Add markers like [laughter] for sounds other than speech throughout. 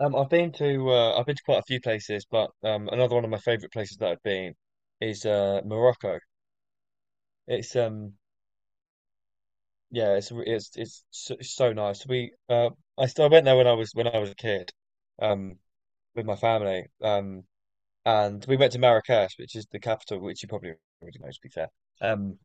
I've been to quite a few places, but another one of my favorite places that I've been is Morocco. It's Yeah, it's so, so nice. We I st I went there when I was a kid, um, with my family, and we went to Marrakesh, which is the capital, which you probably already know, to be fair. Um,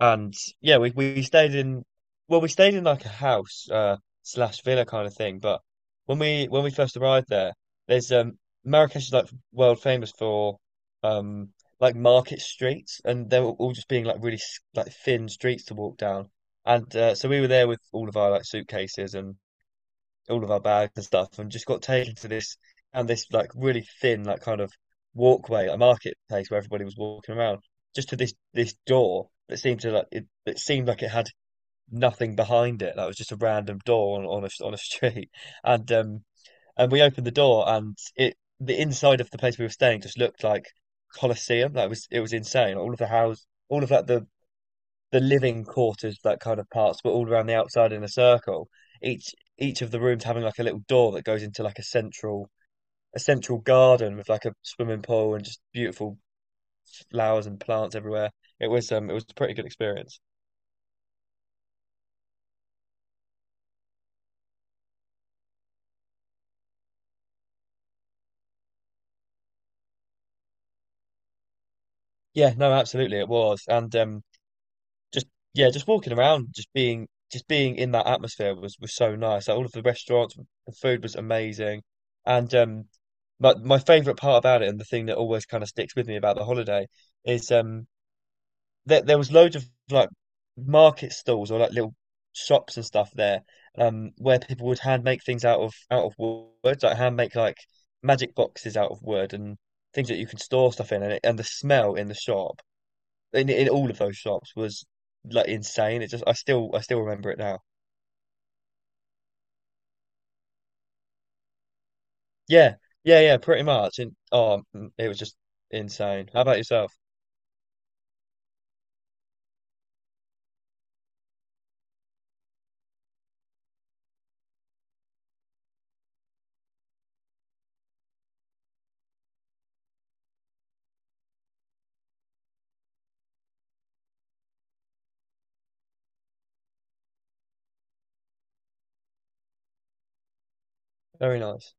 And yeah, we stayed in like a house, slash villa kind of thing. But when we first arrived there, there's Marrakesh is like world famous for um like market streets, and they were all just being like really like thin streets to walk down. And so we were there with all of our like suitcases and all of our bags and stuff, and just got taken to this, and this like really thin like kind of walkway, a marketplace where everybody was walking around, just to this door that seemed to like it seemed like it had nothing behind it. That was just a random door on a [laughs] street, and and we opened the door and it the inside of the place we were staying just looked like Colosseum. That was It was insane. All of the house, all of like the living quarters, like kind of parts, but all around the outside in a circle. Each of the rooms having like a little door that goes into like a central garden with like a swimming pool and just beautiful flowers and plants everywhere. It was a pretty good experience. Yeah, no, absolutely it was. And just, yeah, just walking around, just being in that atmosphere was so nice. Like, all of the restaurants, the food was amazing. And my favorite part about it, and the thing that always kind of sticks with me about the holiday, is there was loads of like market stalls or like little shops and stuff there, where people would hand make things out of wood, like hand make like magic boxes out of wood and things that you can store stuff in. And the smell in the shop, in all of those shops was like insane. It just I still remember it now. Yeah, yeah, yeah, pretty much. And oh, it was just insane. How about yourself? Very nice.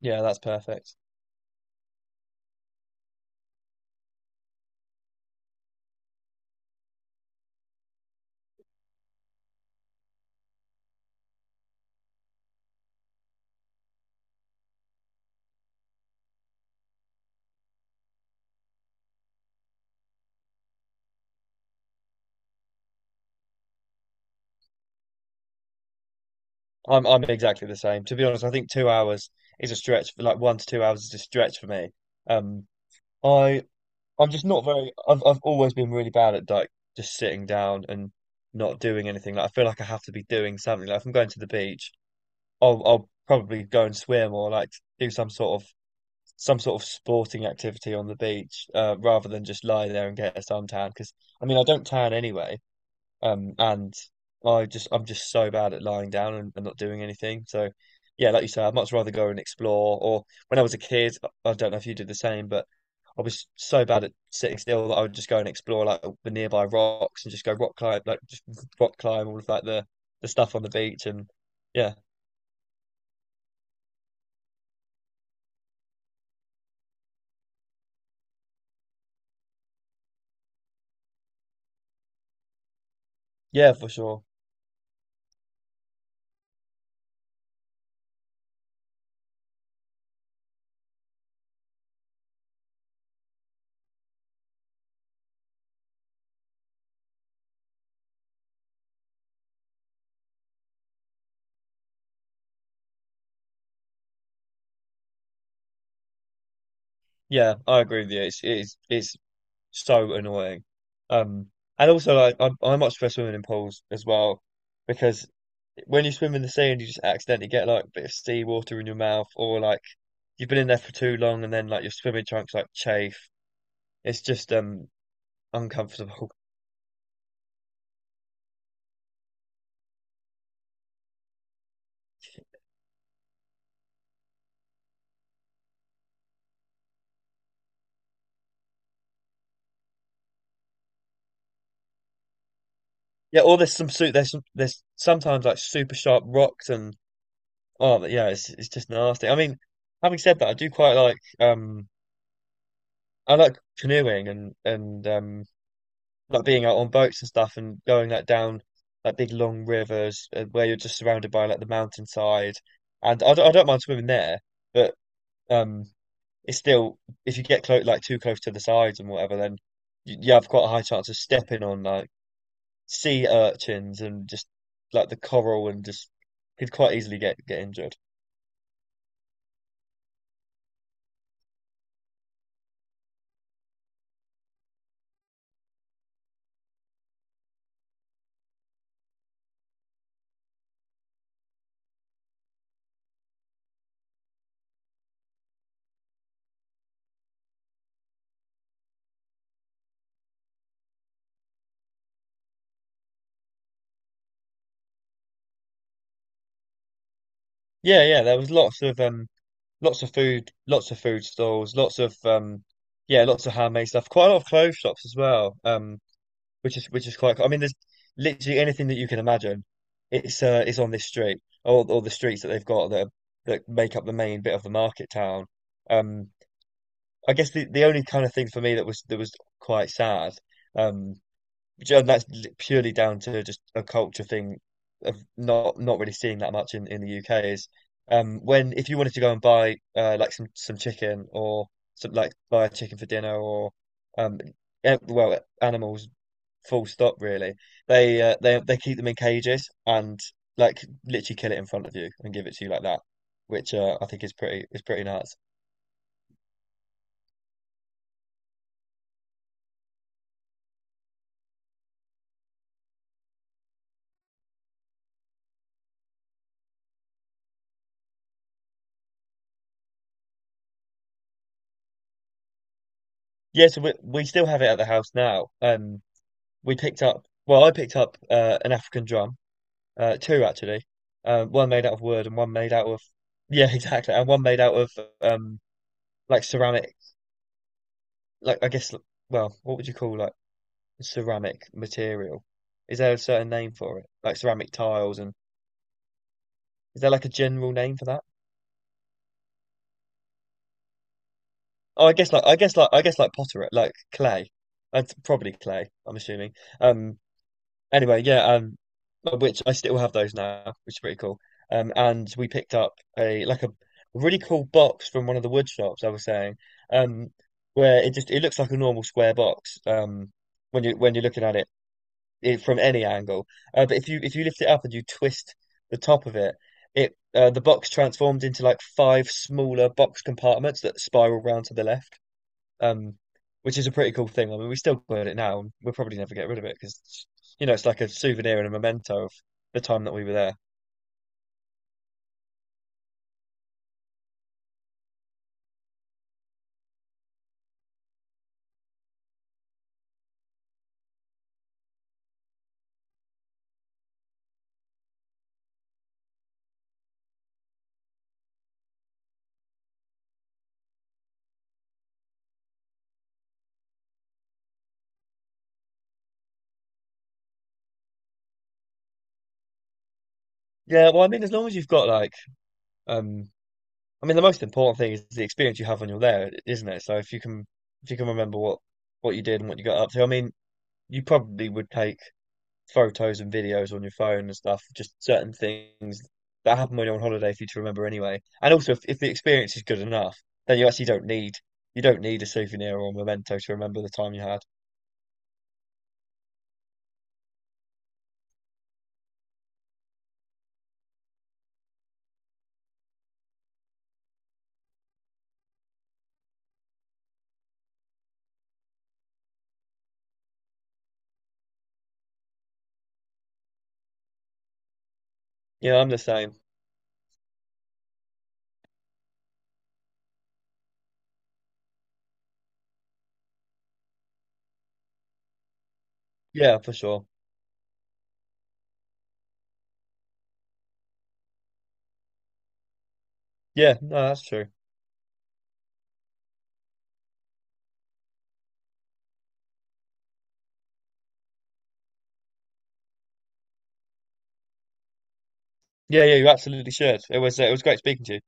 Yeah, that's perfect. I'm exactly the same. To be honest, I think two hours is a stretch for like 1 to 2 hours is a stretch for me. Um, I I'm just not very. I've always been really bad at like just sitting down and not doing anything. Like, I feel like I have to be doing something. Like, if I'm going to the beach, I'll probably go and swim or like do some sort of sporting activity on the beach, rather than just lie there and get a suntan. Because I mean, I don't tan anyway, and I'm just so bad at lying down and not doing anything. So yeah, like you say, I'd much rather go and explore. Or when I was a kid, I don't know if you did the same, but I was so bad at sitting still that I would just go and explore like the nearby rocks and just go rock climb, like just rock climb all of like the stuff on the beach and yeah, yeah, for sure. Yeah, I agree with you. It's so annoying. Um, and also, like, I much prefer swimming in pools as well, because when you swim in the sea and you just accidentally get like a bit of seawater in your mouth, or like you've been in there for too long and then like your swimming trunks like chafe. It's just uncomfortable. Yeah, or there's some suit. There's some, there's sometimes like super sharp rocks, and oh yeah, it's just nasty. I mean, having said that, I do quite like, I like canoeing, and like being out on boats and stuff, and going like down like big long rivers, where you're just surrounded by like the mountainside. And I don't mind swimming there, but Um, it's still, if you get close, like too close to the sides and whatever, then you have quite a high chance of stepping on like sea urchins and just like the coral, and just could quite easily get injured. Yeah, yeah, there was lots of food stalls, lots of yeah, lots of handmade stuff, quite a lot of clothes shops as well. Which is quite cool. I mean, there's literally anything that you can imagine. It's on this street or the streets that they've got, that make up the main bit of the market town. Um, I guess the only kind of thing for me that was quite sad, um, and that's purely down to just a culture thing of not really seeing that much in the UK, is when, if you wanted to go and buy, like some chicken, or some like buy a chicken for dinner, or um well, animals, full stop, really. They keep them in cages and like literally kill it in front of you and give it to you like that, which I think is pretty nuts. Yeah, so we still have it at the house now. We picked up well, I picked up, an African drum, two actually, one made out of wood and one made out of, yeah, [laughs] exactly, and one made out of um like ceramic, like, I guess, well, what would you call like ceramic material? Is there a certain name for it? Like ceramic tiles, and... Is there like a general name for that? Oh, I guess like, I guess like potter, like clay. That's probably clay, I'm assuming. Um anyway, yeah, which, I still have those now, which is pretty cool. And we picked up a, like, a really cool box from one of the wood shops I was saying. Um where it looks like a normal square box, when you're looking at it, from any angle. But if you lift it up and you twist the top of it, the box transforms into like five smaller box compartments that spiral round to the left, um, which is a pretty cool thing. I mean, we still got it now, and we'll probably never get rid of it, because it's like a souvenir and a memento of the time that we were there. Yeah, well, I mean, as long as you've got, like, um, I mean, the most important thing is the experience you have when you're there, isn't it? So if you can remember what you did and what you got up to, I mean, you probably would take photos and videos on your phone and stuff, just certain things that happen when you're on holiday for you to remember anyway. And also, if the experience is good enough, then you actually don't need, you don't need a souvenir or a memento to remember the time you had. Yeah, I'm the same. Yeah, for sure. Yeah, no, that's true. Yeah, yeah, you absolutely should. It was great speaking to you.